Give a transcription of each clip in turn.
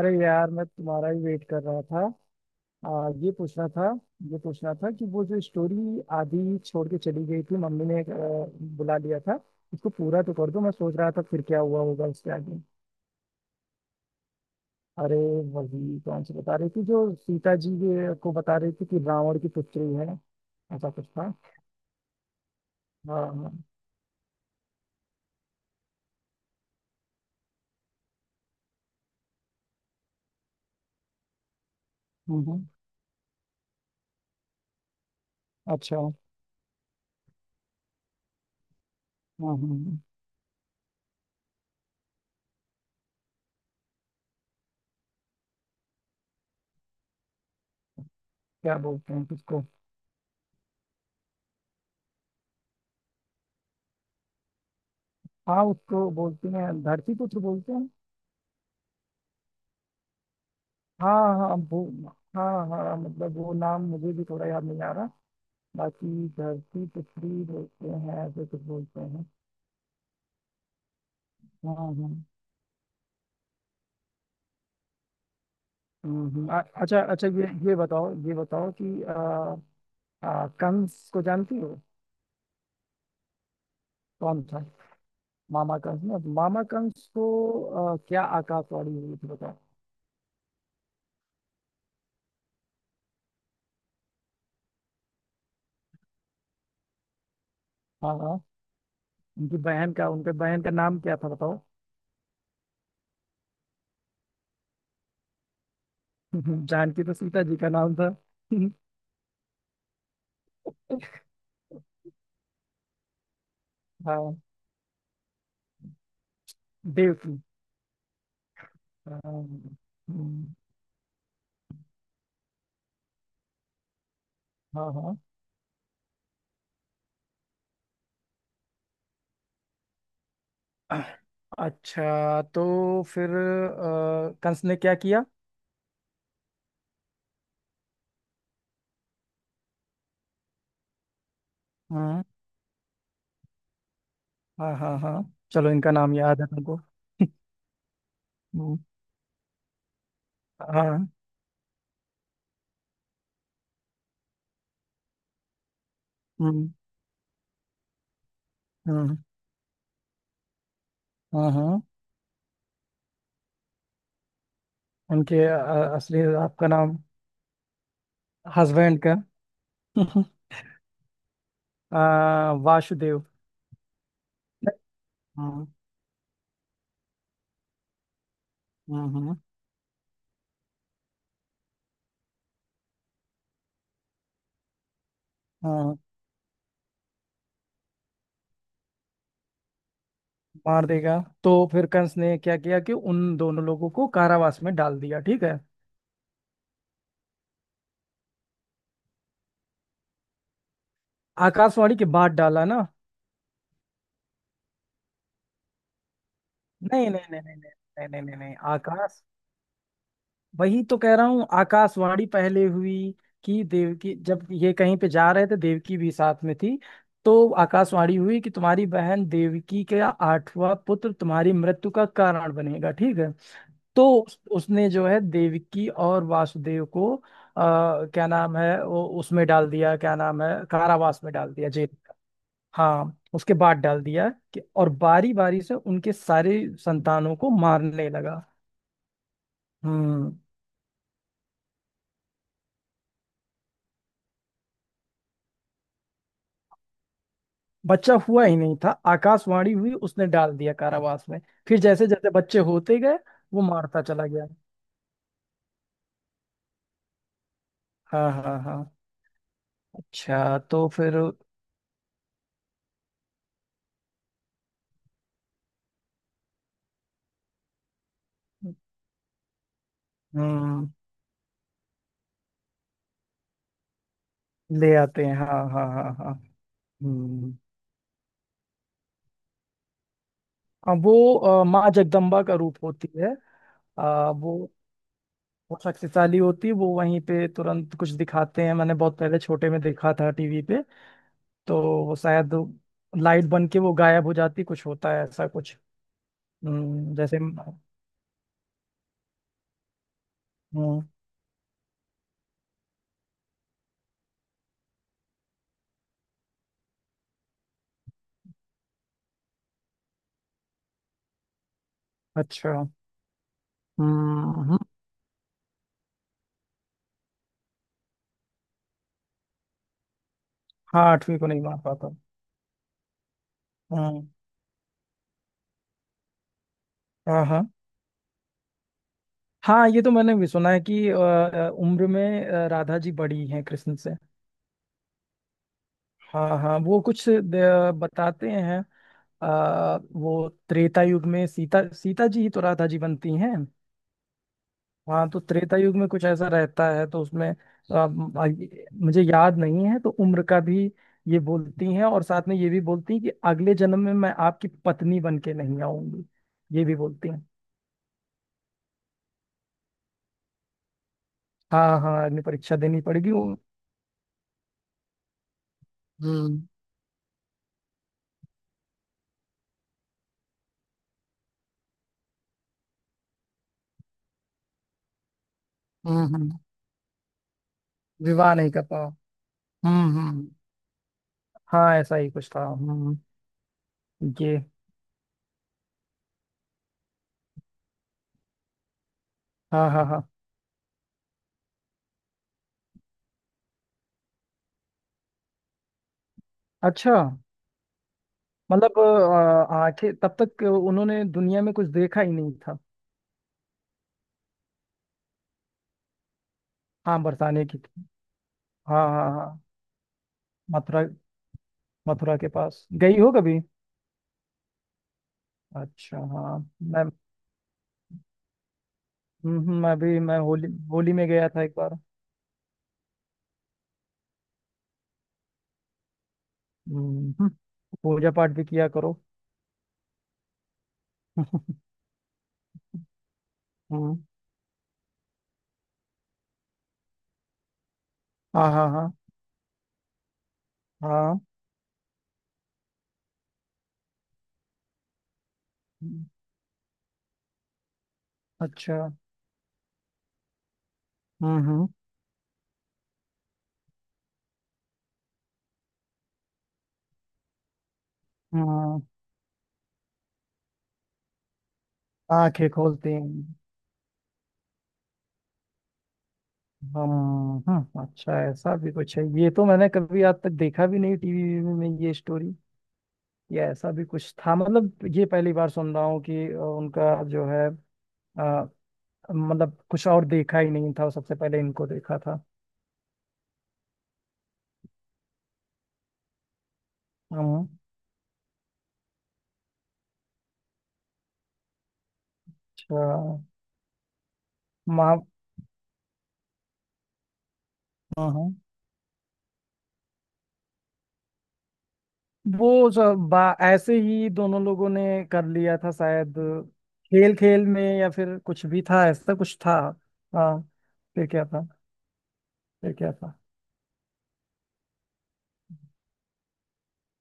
अरे यार, मैं तुम्हारा ही वेट कर रहा था। ये पूछना था। ये पूछना था कि वो जो स्टोरी आधी छोड़ के चली गई थी, मम्मी ने बुला लिया था, उसको पूरा तो कर दो। मैं सोच रहा था फिर क्या हुआ होगा उसके आगे। अरे वही, कौन सी बता रही थी, जो सीता जी को बता रही थी कि रावण की पुत्री है। ऐसा कुछ था। हाँ हाँ। हम्म, हम्म, अच्छा हाँ। हाँ हाँ। क्या बोलते हैं किसको? हाँ, उसको बोलते हैं धरती पुत्र बोलते हैं। हाँ हाँ वो। हाँ हाँ, मतलब वो नाम मुझे भी थोड़ा याद नहीं आ रहा। बाकी धरती पृथ्वी बोलते हैं, ऐसे कुछ बोलते हैं। हाँ हाँ। अच्छा अच्छा, ये बताओ, ये बताओ कि कंस को जानती हो? कौन था? मामा कंस ना, मामा कंस को क्या आकाशवाणी हुई थी बताओ। हाँ हाँ, उनकी बहन का, उनके बहन का नाम क्या था बताओ। जानकी तो सीता जी का नाम था। हाँ, देवकी। हाँ हाँ, हाँ। हम्म, हाँ हाँ। अच्छा, तो फिर कंस ने क्या किया? हाँ हाँ हाँ हाँ। चलो, इनका नाम याद है तुमको। हम्म, हाँ। हम्म हम्म, हाँ हाँ। उनके असली आपका नाम। हस्बैंड का। वासुदेव। हम्म हम्म, हाँ हाँ, मार देगा। तो फिर कंस ने क्या किया कि उन दोनों लोगों को कारावास में डाल दिया, ठीक है। आकाशवाणी के बाद डाला ना। नहीं नहीं नहीं नहीं नहीं नहीं नहीं नहीं नहीं, आकाश वही तो कह रहा हूँ, आकाशवाणी पहले हुई कि देवकी, जब ये कहीं पे जा रहे थे, देवकी भी साथ में थी, तो आकाशवाणी हुई कि तुम्हारी बहन देवकी का आठवां पुत्र तुम्हारी मृत्यु का कारण बनेगा, ठीक है। तो उसने जो है, देवकी और वासुदेव को क्या नाम है वो, उसमें डाल दिया, क्या नाम है, कारावास में डाल दिया, जेल। हाँ, उसके बाद डाल दिया कि, और बारी बारी से उनके सारे संतानों को मारने लगा। हम्म। बच्चा हुआ ही नहीं था, आकाशवाणी हुई, उसने डाल दिया कारावास में। फिर जैसे जैसे बच्चे होते गए, वो मारता चला गया। हाँ हाँ हाँ। अच्छा, तो फिर। हम्म, ले आते हैं। हाँ हाँ हाँ हाँ। हम्म, अब वो माँ जगदम्बा का रूप होती है। वो बहुत शक्तिशाली होती है। वो वहीं पे तुरंत कुछ दिखाते हैं, मैंने बहुत पहले छोटे में देखा था टीवी पे। तो वो शायद लाइट बन के वो गायब हो जाती, कुछ होता है ऐसा कुछ। जैसे। हम्म, अच्छा। हम्म हम्म, हाँ आठवीं को नहीं मार पाता। हम्म। हाँ हाँ हाँ, ये तो मैंने भी सुना है कि उम्र में राधा जी बड़ी हैं कृष्ण से। हाँ हाँ, वो कुछ बताते हैं। वो त्रेता युग में सीता, सीता जी ही तो राधा जी बनती हैं। हाँ, तो त्रेता युग में कुछ ऐसा रहता है, तो उसमें मुझे याद नहीं है तो उम्र का भी। ये बोलती हैं, और साथ में ये भी बोलती हैं कि अगले जन्म में मैं आपकी पत्नी बन के नहीं आऊंगी, ये भी बोलती हैं। हाँ हाँ, अग्नि परीक्षा देनी पड़ेगी वो। हम्म हम्म। विवाह नहीं कर पाओ। हम्म। हाँ, ऐसा ही कुछ था। हम्म। ये। हाँ हाँ हाँ। अच्छा, मतलब आंखें तब तक उन्होंने दुनिया में कुछ देखा ही नहीं था। हाँ, बरसाने की थी। हाँ हाँ हाँ। मथुरा। मथुरा के पास गई हो कभी? अच्छा, हाँ मैं। मैं भी, मैं होली, होली में गया था एक बार। हम्म, हम्म, पूजा पाठ भी किया करो। हम्म। हाँ हाँ हाँ हाँ। हम्म, अच्छा। हम्म। हाँ, आंखें खोलते हैं। हम। हम्म, अच्छा, ऐसा भी कुछ है? ये तो मैंने कभी आज तक देखा भी नहीं टीवी में ये स्टोरी, या ऐसा भी कुछ था। मतलब ये पहली बार सुन रहा हूँ कि उनका जो है अ, मतलब कुछ और देखा ही नहीं था, सबसे पहले इनको देखा था। हम्म, अच्छा। माँ। हाँ हाँ। वो सब ऐसे ही दोनों लोगों ने कर लिया था शायद, खेल खेल में, या फिर कुछ भी था, ऐसा कुछ था। हाँ। फिर क्या था? फिर क्या था?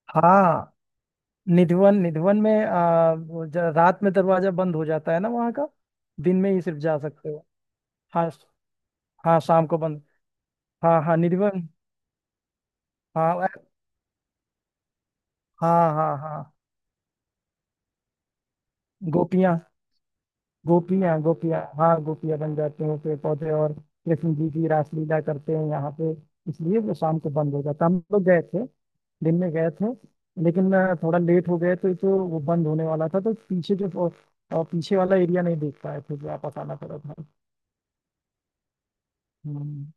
हाँ, निधिवन। निधिवन में वो रात में दरवाजा बंद हो जाता है ना वहाँ का। दिन में ही सिर्फ जा सकते हो। हाँ हाँ, शाम को बंद। हाँ हाँ, निधिवन। हाँ हाँ हाँ हाँ। गोपियाँ। गोपियाँ, गोपियाँ, हाँ गोपियाँ बन जाती हैं पेड़ पौधे, और कृष्ण जी की रासलीला करते हैं यहाँ पे। इसलिए वो शाम को बंद हो जाता। हम लोग गए थे, दिन में गए थे, लेकिन थोड़ा लेट हो गए, तो वो बंद होने वाला था। तो पीछे जो, और पीछे वाला एरिया नहीं देख पाए थे, जो आप बताना पड़ा था। हम्म।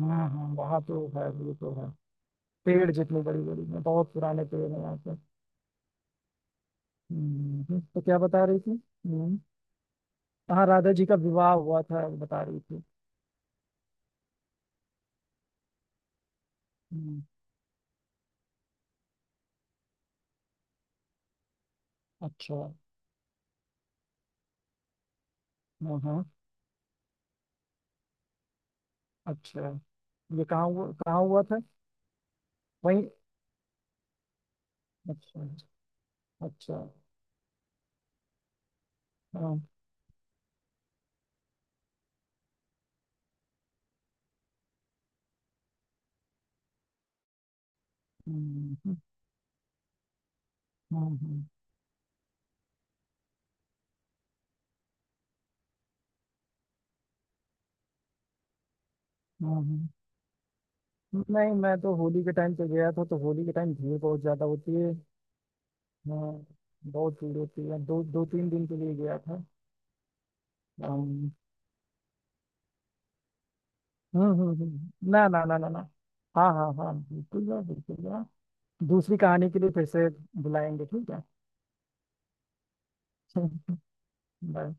हाँ हाँ, वहाँ तो है, ये तो है। पेड़ जितने बड़ी बड़ी हैं, बहुत पुराने पेड़ हैं यहाँ पे। तो क्या बता रही थी? हम्म। हाँ, राधा जी का विवाह हुआ था, वो बता रही थी। हम्म, अच्छा। हाँ हाँ, अच्छा, ये कहाँ हुआ, कहाँ हुआ था? वहीं। अच्छा। अच्छा। हाँ। हम्म, हम्म, हाँ हाँ हाँ, हाँ। नहीं, मैं तो होली के टाइम पे गया था, तो होली के टाइम भीड़ बहुत ज्यादा होती है। हाँ, बहुत भीड़ होती है, दो दो तीन दिन के लिए गया था। हम्म। ना ना ना ना ना। हाँ हाँ हाँ हाँ, बिल्कुल यार, बिल्कुल यार। दूसरी कहानी के लिए फिर से बुलाएंगे, ठीक है। बाय।